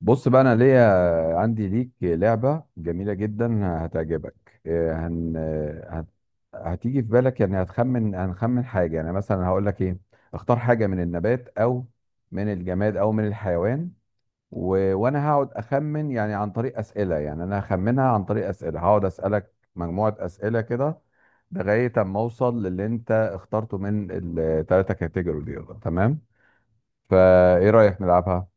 بص بقى، انا ليا عندي ليك لعبة جميلة جدا هتعجبك هتيجي في بالك، يعني هنخمن حاجة. يعني مثلا هقول لك ايه: اختار حاجة من النبات، او من الجماد، او من الحيوان. وانا هقعد اخمن يعني عن طريق أسئلة، يعني انا هخمنها عن طريق أسئلة، هقعد أسألك مجموعة أسئلة كده لغاية اما اوصل للي انت اخترته من الثلاثة كاتيجوري دول. تمام؟ فايه رأيك نلعبها؟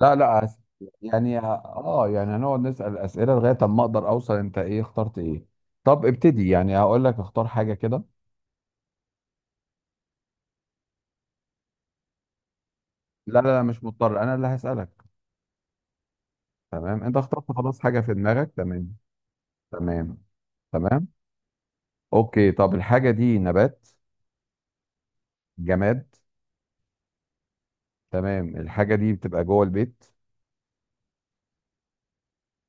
لا، لا، يعني يعني هنقعد نسأل أسئلة لغاية ما اقدر اوصل انت ايه اخترت ايه. طب ابتدي، يعني هقول لك اختار حاجة كده. لا، لا، لا، مش مضطر، انا اللي هسألك. تمام، انت اخترت خلاص حاجة في دماغك، تمام، تمام. تمام. اوكي، طب الحاجة دي نبات؟ جماد؟ تمام، الحاجة دي بتبقى جوه البيت؟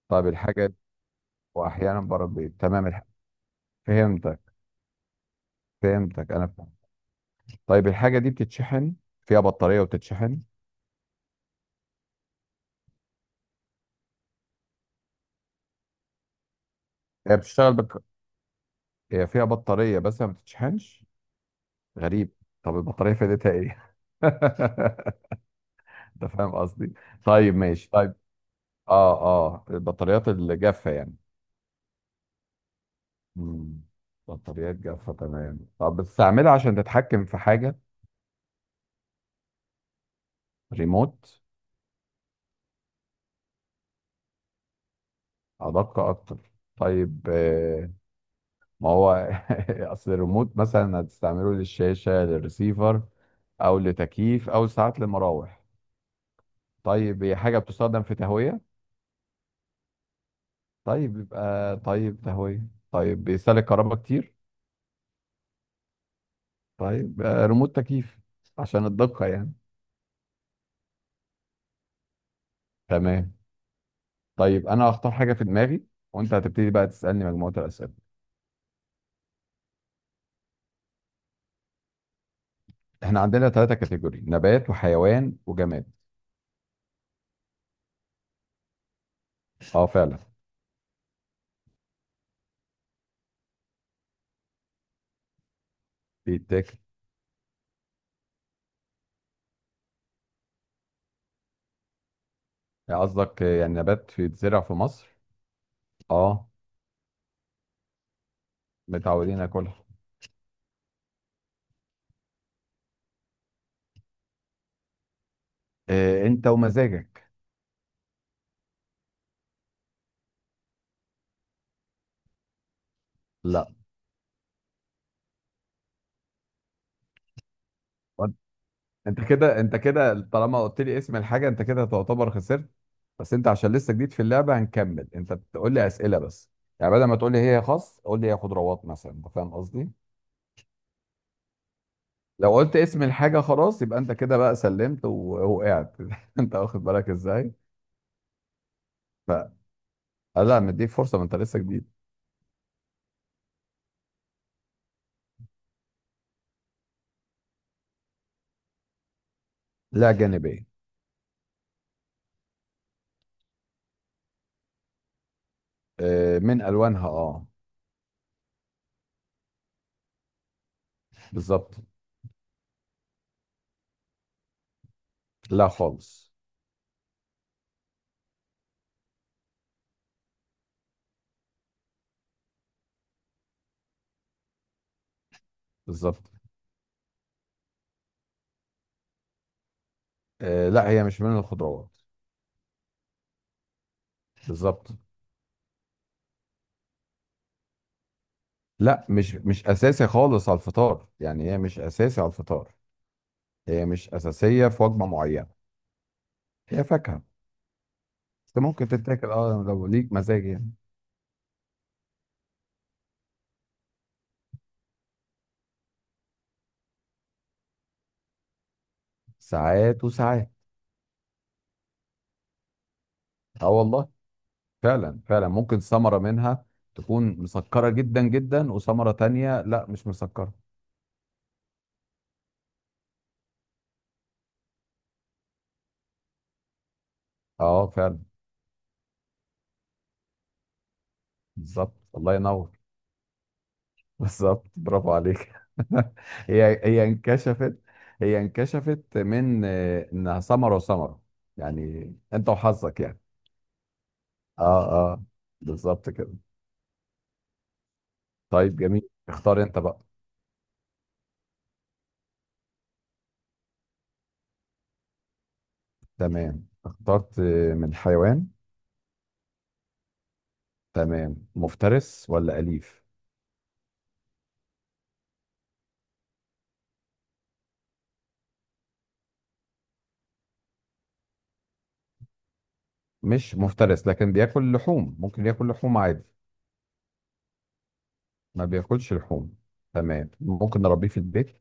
طيب الحاجة واحيانا بره البيت، تمام، فهمتك، فهمتك، انا فهمت. طيب الحاجة دي بتتشحن؟ فيها بطارية وتتشحن؟ هي بتشتغل، هي فيها بطارية بس ما بتتشحنش؟ غريب. طب البطارية فايدتها ايه؟ انت فاهم قصدي. طيب ماشي، طيب. اه، اه، البطاريات الجافة يعني. مم. بطاريات جافة، تمام. طب بتستعملها عشان تتحكم في حاجة؟ ريموت؟ أدق أكتر. طيب، ما هو أصل الريموت مثلا هتستعمله للشاشة، للريسيفر، أو لتكييف، أو ساعات لمراوح. طيب هي حاجة بتستخدم في تهوية؟ طيب يبقى، طيب تهوية. طيب بيستهلك كهرباء كتير؟ طيب، ريموت تكييف، عشان الدقة يعني. تمام. طيب أنا هختار حاجة في دماغي، وأنت هتبتدي بقى تسألني مجموعة الأسئلة. إحنا عندنا ثلاثة كاتيجوري: نبات، وحيوان، وجماد. أه، فعلا. بيتاكل. يعني قصدك يعني نبات بيتزرع في مصر؟ أه، متعودين ناكلها. أنت ومزاجك. لا. انت كده طالما قلت لي اسم الحاجه، انت كده تعتبر خسرت. بس انت عشان لسه جديد في اللعبه هنكمل، انت بتقول لي اسئله بس. يعني بدل ما تقول لي هي خاص، قول لي هي خضروات مثلا، انت فاهم قصدي؟ لو قلت اسم الحاجه خلاص يبقى انت كده بقى سلمت ووقعت. انت واخد بالك ازاي. ف آه، لا، مديك فرصه، ما انت لسه جديد. لا، جانبيه. آه، من الوانها، اه. بالظبط. لا خالص. بالظبط. آه، لا هي مش من الخضروات. بالظبط. لا، مش اساسي خالص على الفطار، يعني هي مش اساسي على الفطار، هي مش اساسيه في وجبه معينه. هي فاكهه، بس ممكن تتاكل، اه، لو ليك مزاج يعني. ساعات وساعات. اه والله، فعلا فعلا ممكن ثمره منها تكون مسكره جدا جدا وثمره تانية لا مش مسكره. اه، فعلا. بالظبط، الله ينور. بالظبط، برافو عليك. هي انكشفت، هي انكشفت من انها ثمره وثمره، يعني انت وحظك يعني. اه، اه، بالظبط كده. طيب جميل، اختار انت بقى. تمام، اخترت. من حيوان. تمام، مفترس ولا أليف؟ مش مفترس، لكن بياكل لحوم، ممكن ياكل لحوم عادي. ما بياكلش لحوم؟ تمام. ممكن نربيه في البيت؟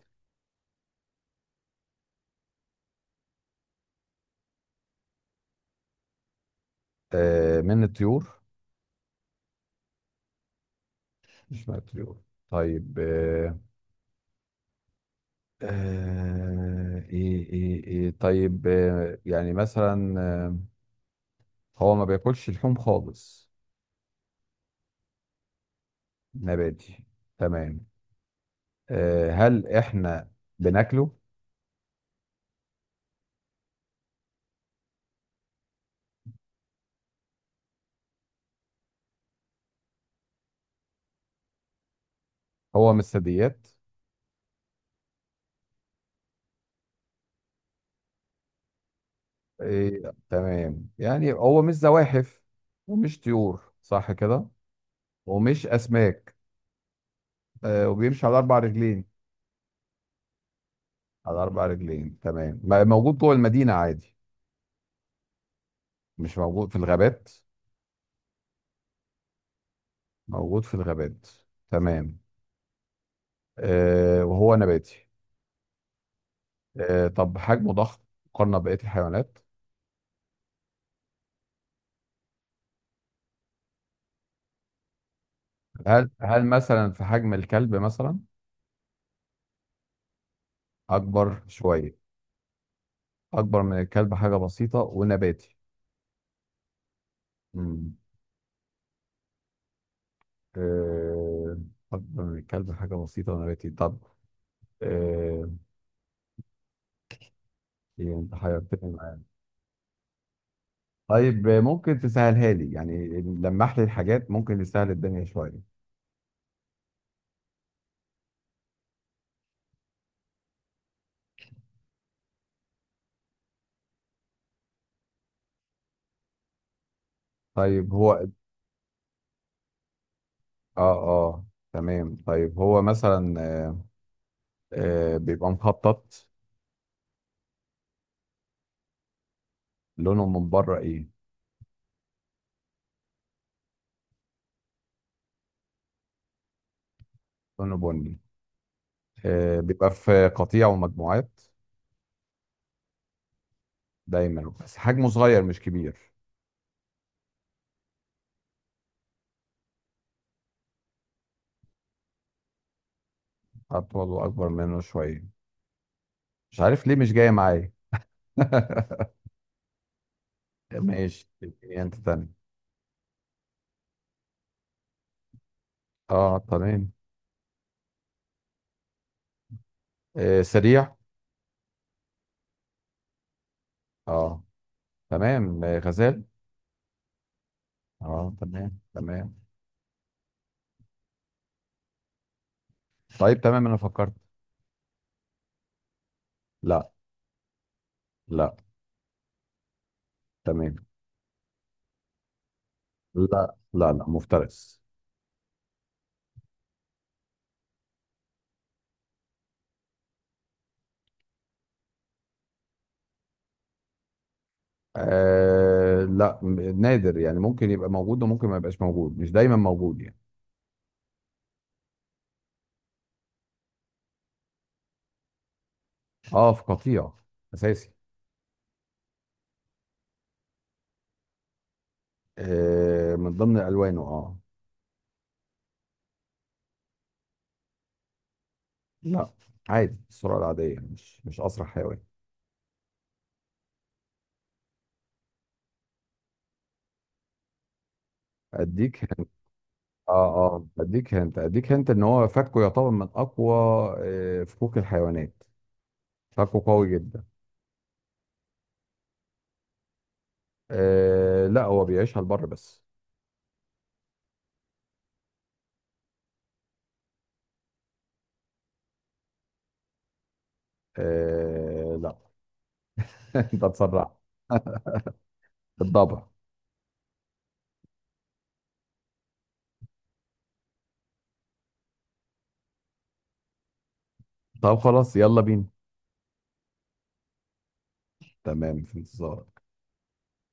آه، من الطيور؟ مش من الطيور. طيب، ايه ايه ايه طيب، يعني مثلا هو ما بياكلش لحوم خالص؟ نباتي. تمام. هل احنا بناكله؟ هو مش ثدييات؟ إيه، تمام. يعني هو مش زواحف ومش طيور، صح كده؟ ومش اسماك؟ وبيمشي على اربع رجلين؟ على اربع رجلين، تمام. موجود جوه المدينة عادي؟ مش موجود في الغابات؟ موجود في الغابات، تمام. وهو نباتي. طب حجمه ضخم مقارنة ببقية الحيوانات؟ هل مثلا في حجم الكلب مثلا؟ اكبر شوية؟ اكبر من الكلب حاجة بسيطة ونباتي. مم. أه... أكبر من الكلب حاجة بسيطة ونباتي، طب أه... إيه، أنت حيرتني معاك. طيب، ممكن تسهلها لي، يعني لمح لي الحاجات ممكن تسهل الدنيا شوية؟ طيب هو، آه آه تمام. طيب هو مثلا، بيبقى مخطط؟ لونه من بره إيه؟ لونه بني. بيبقى في قطيع ومجموعات؟ دايما، بس حجمه صغير مش كبير؟ أطول وأكبر منه شوية. مش عارف ليه مش جاية معايا. ماشي، تبقى انت تاني. اه، تمام. آه، سريع. اه، تمام. آه، غزال. اه، تمام، تمام. طيب تمام، انا فكرت. لا. لا. تمام. لا، لا، لا، مفترس. آه، لا، نادر، يعني ممكن يبقى موجود وممكن ما يبقاش موجود، مش دايما موجود يعني. اه، في قطيع اساسي. آه، من ضمن الوانه، اه. لا، عادي، السرعه العاديه، مش اسرع حيوان. اديك اه، اه، اديك هنت ان هو فكه يعتبر من اقوى فكوك الحيوانات، فكه قوي جدا. آه، لا، هو بيعيشها البر بس. آه، لا. انت تسرع. الضبع. طب خلاص، يلا بينا. تمام، في انتظارك.